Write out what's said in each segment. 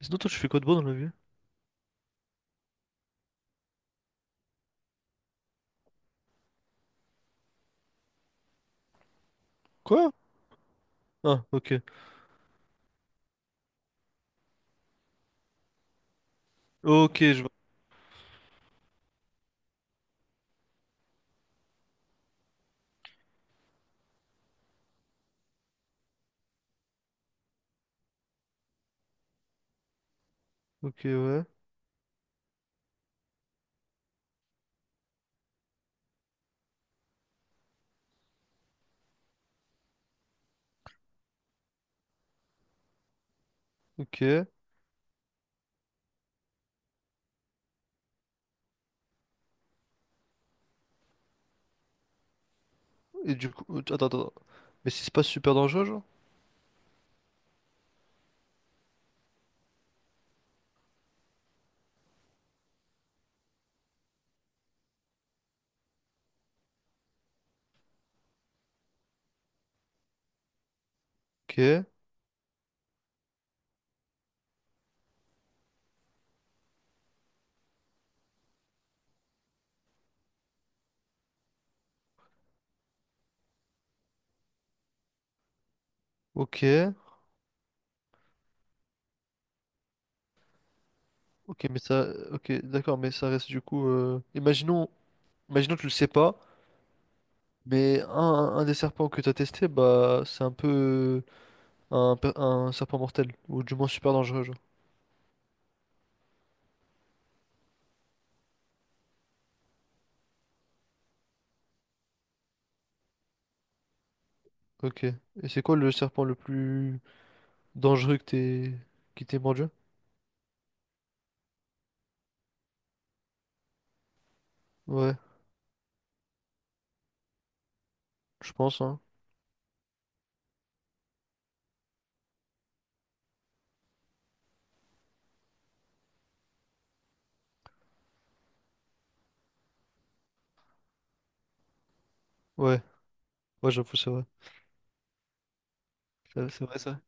Sinon, toi, tu fais quoi de beau dans la vie? Quoi? Ah, ok. Ok, je vois. Ok, ouais. Ok. Et du coup, attends. Mais si c'est pas super dangereux, genre? Ok. Ok. Ok, mais ça. Ok, d'accord, mais ça reste du coup. Imaginons. Imaginons que tu le sais pas, mais un des serpents que t'as testé, bah, c'est un peu un serpent mortel, ou du moins super dangereux, genre. Ok. Et c'est quoi le serpent le plus dangereux que t'es qui t'ait mordu? Ouais, je pense, hein. Ouais, ouais, j'avoue, c'est vrai. C'est vrai ça.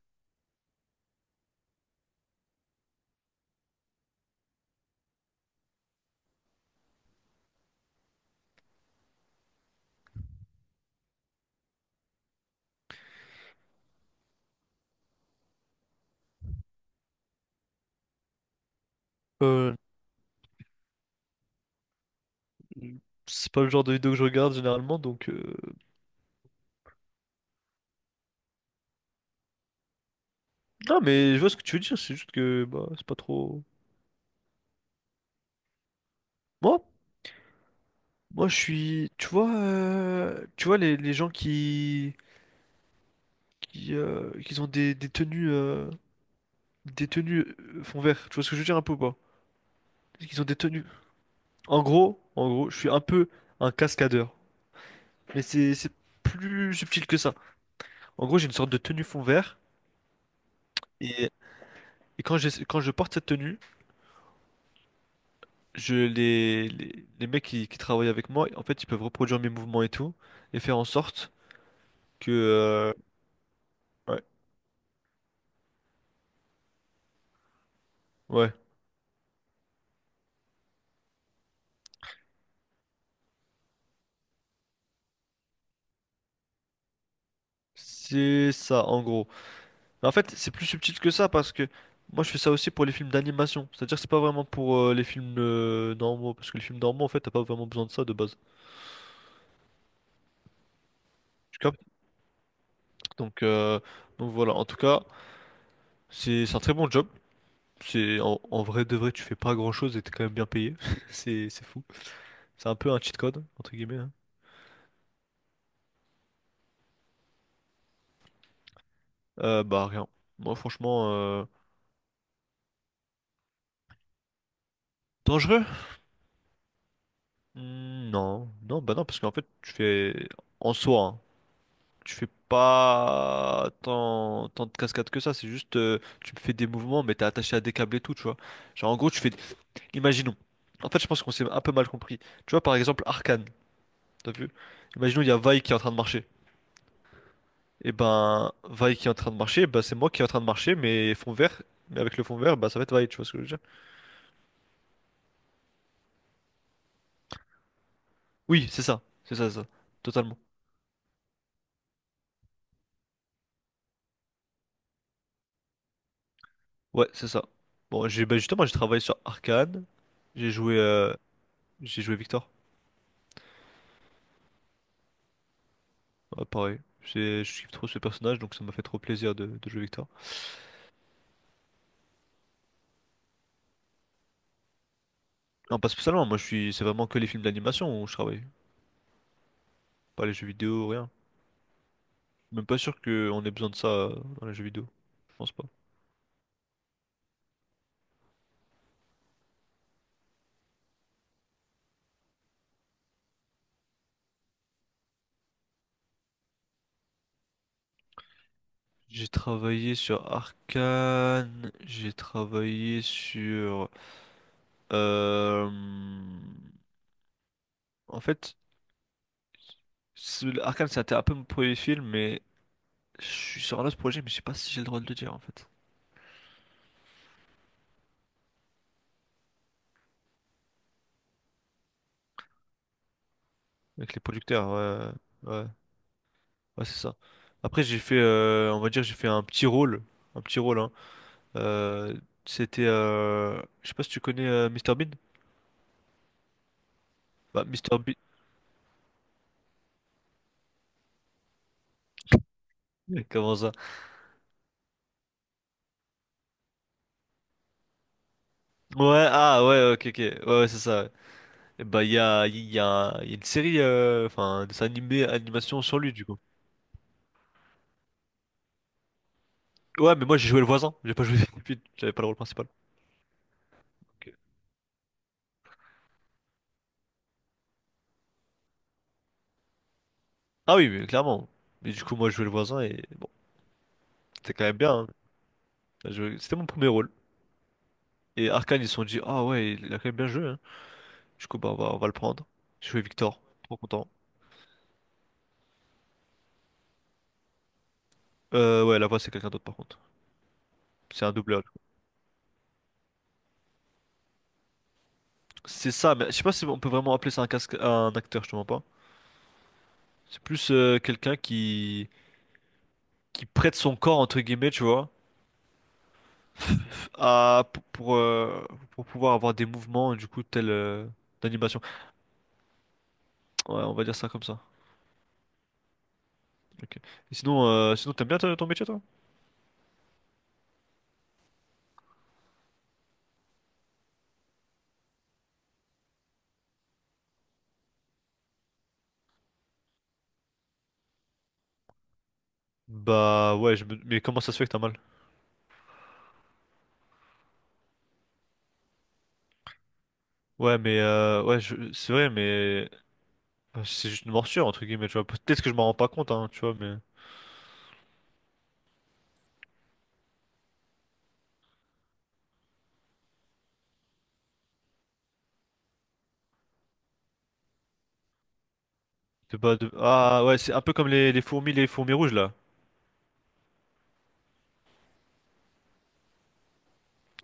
Euh, c'est pas le genre de vidéo que je regarde généralement, donc... Non, mais je vois ce que tu veux dire, c'est juste que bah, c'est pas trop... Moi, moi, je suis... tu vois les gens qui ont des tenues fond vert, tu vois ce que je veux dire un peu ou pas? Qui ont des tenues... en gros, je suis un peu un cascadeur, mais c'est plus subtil que ça. En gros, j'ai une sorte de tenue fond vert, et, et quand je porte cette tenue... je les mecs qui travaillent avec moi, en fait, ils peuvent reproduire mes mouvements et tout, et faire en sorte que... ouais, ouais, c'est ça, en gros. Mais en fait, c'est plus subtil que ça, parce que moi, je fais ça aussi pour les films d'animation. C'est-à-dire que c'est pas vraiment pour les films normaux, parce que les films normaux, en fait, t'as pas vraiment besoin de ça de base. Tu captes? Donc, euh, donc voilà, en tout cas, c'est un très bon job. C'est en, en vrai de vrai, tu fais pas grand-chose et t'es quand même bien payé. C'est fou. C'est un peu un cheat code, entre guillemets, hein. Bah rien. Moi franchement, dangereux? Hmm, bah non, parce qu'en fait tu fais en soi, hein, tu fais pas tant de cascades que ça. C'est juste, tu fais des mouvements, mais t'es attaché à des câbles et tout, tu vois. Genre en gros tu fais, imaginons. En fait je pense qu'on s'est un peu mal compris. Tu vois par exemple Arcane, t'as vu? Imaginons il y a Vi qui est en train de marcher. Et ben Vi qui est en train de marcher, bah c'est moi qui est en train de marcher, mais fond vert, mais avec le fond vert, bah ça va être Vi, tu vois ce que je veux dire? Oui, c'est ça, totalement. Ouais, c'est ça. Bon, j'ai bah justement, j'ai travaillé sur Arcane. J'ai joué, euh, j'ai joué Victor. Ouais, pareil. C'est- Je kiffe trop ce personnage, donc ça m'a fait trop plaisir de jouer Victor. Non, pas spécialement. Moi, je suis, c'est vraiment que les films d'animation où je travaille, pas les jeux vidéo, rien. Même pas sûr qu'on ait besoin de ça dans les jeux vidéo. Je pense pas. J'ai travaillé sur Arcane. J'ai travaillé sur. Euh, En fait, Arcane, c'était un peu mon premier film, mais je suis sur un autre projet, mais je sais pas si j'ai le droit de le dire en fait. Avec les producteurs, ouais, ouais, ouais, c'est ça. Après, j'ai fait, on va dire, j'ai fait un petit rôle, hein. Euh, c'était, je sais pas si tu connais Mr Bean. Bah, Mr Bean, comment ça? Ouais, ah ouais, ok, ok, ouais, ouais, c'est ça, ouais. Et bah, il y a une série, enfin, un dessin animé, animation sur lui du coup. Ouais, mais moi j'ai joué le voisin, j'ai pas joué j'avais pas le rôle principal. Ok. Ah oui, mais clairement. Mais du coup, moi je jouais le voisin et bon, c'était quand même bien, hein. C'était mon premier rôle. Et Arkane, ils se sont dit, ah ouais, il a quand même bien joué, hein. Du coup, bah, on va le prendre. Je joué Victor, trop content. Ouais, la voix, c'est quelqu'un d'autre, par contre. C'est un doubleur. C'est ça, mais je sais pas si on peut vraiment appeler ça un casque, un acteur, je te mens pas. C'est plus quelqu'un qui prête son corps, entre guillemets, tu vois, à, pour, pour, euh, pour pouvoir avoir des mouvements, du coup, tels d'animation. Ouais, on va dire ça comme ça. Ok. Et sinon, sinon ton métier, toi? Bah ouais, mais comment ça se fait que t'as mal? Ouais, mais ouais, c'est vrai, mais enfin, c'est juste une morsure entre guillemets, tu vois. Peut-être que je m'en rends pas compte, hein, tu vois, mais c'est pas de... Ah ouais, c'est un peu comme les fourmis rouges là.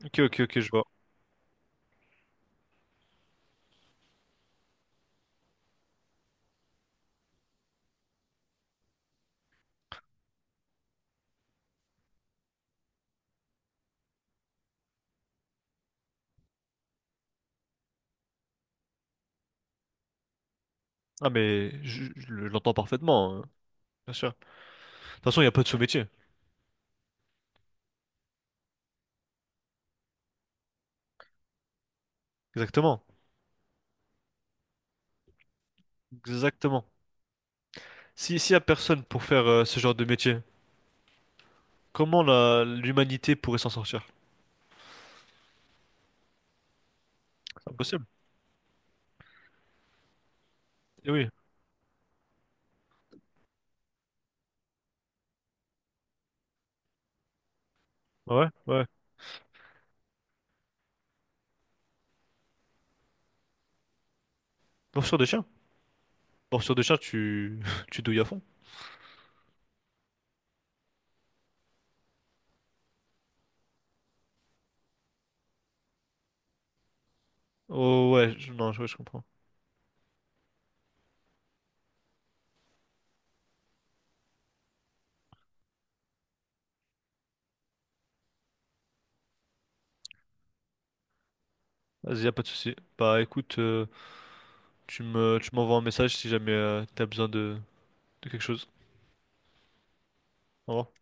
Ok, ok, ok, je vois. Ah mais je l'entends parfaitement, hein, bien sûr. De toute façon, il y a pas de sous-métier. Exactement, exactement. Si s'il y a personne pour faire ce genre de métier, comment la l'humanité pourrait s'en sortir? C'est impossible. Eh oui. Ouais, ouais. Morsure de chien. Morsure de chien, tu tu douilles à fond. Oh ouais, je- non, je, ouais, je comprends. Vas-y, y a pas de souci. Bah écoute, tu m'envoies un message si jamais t'as besoin de quelque chose. Au revoir.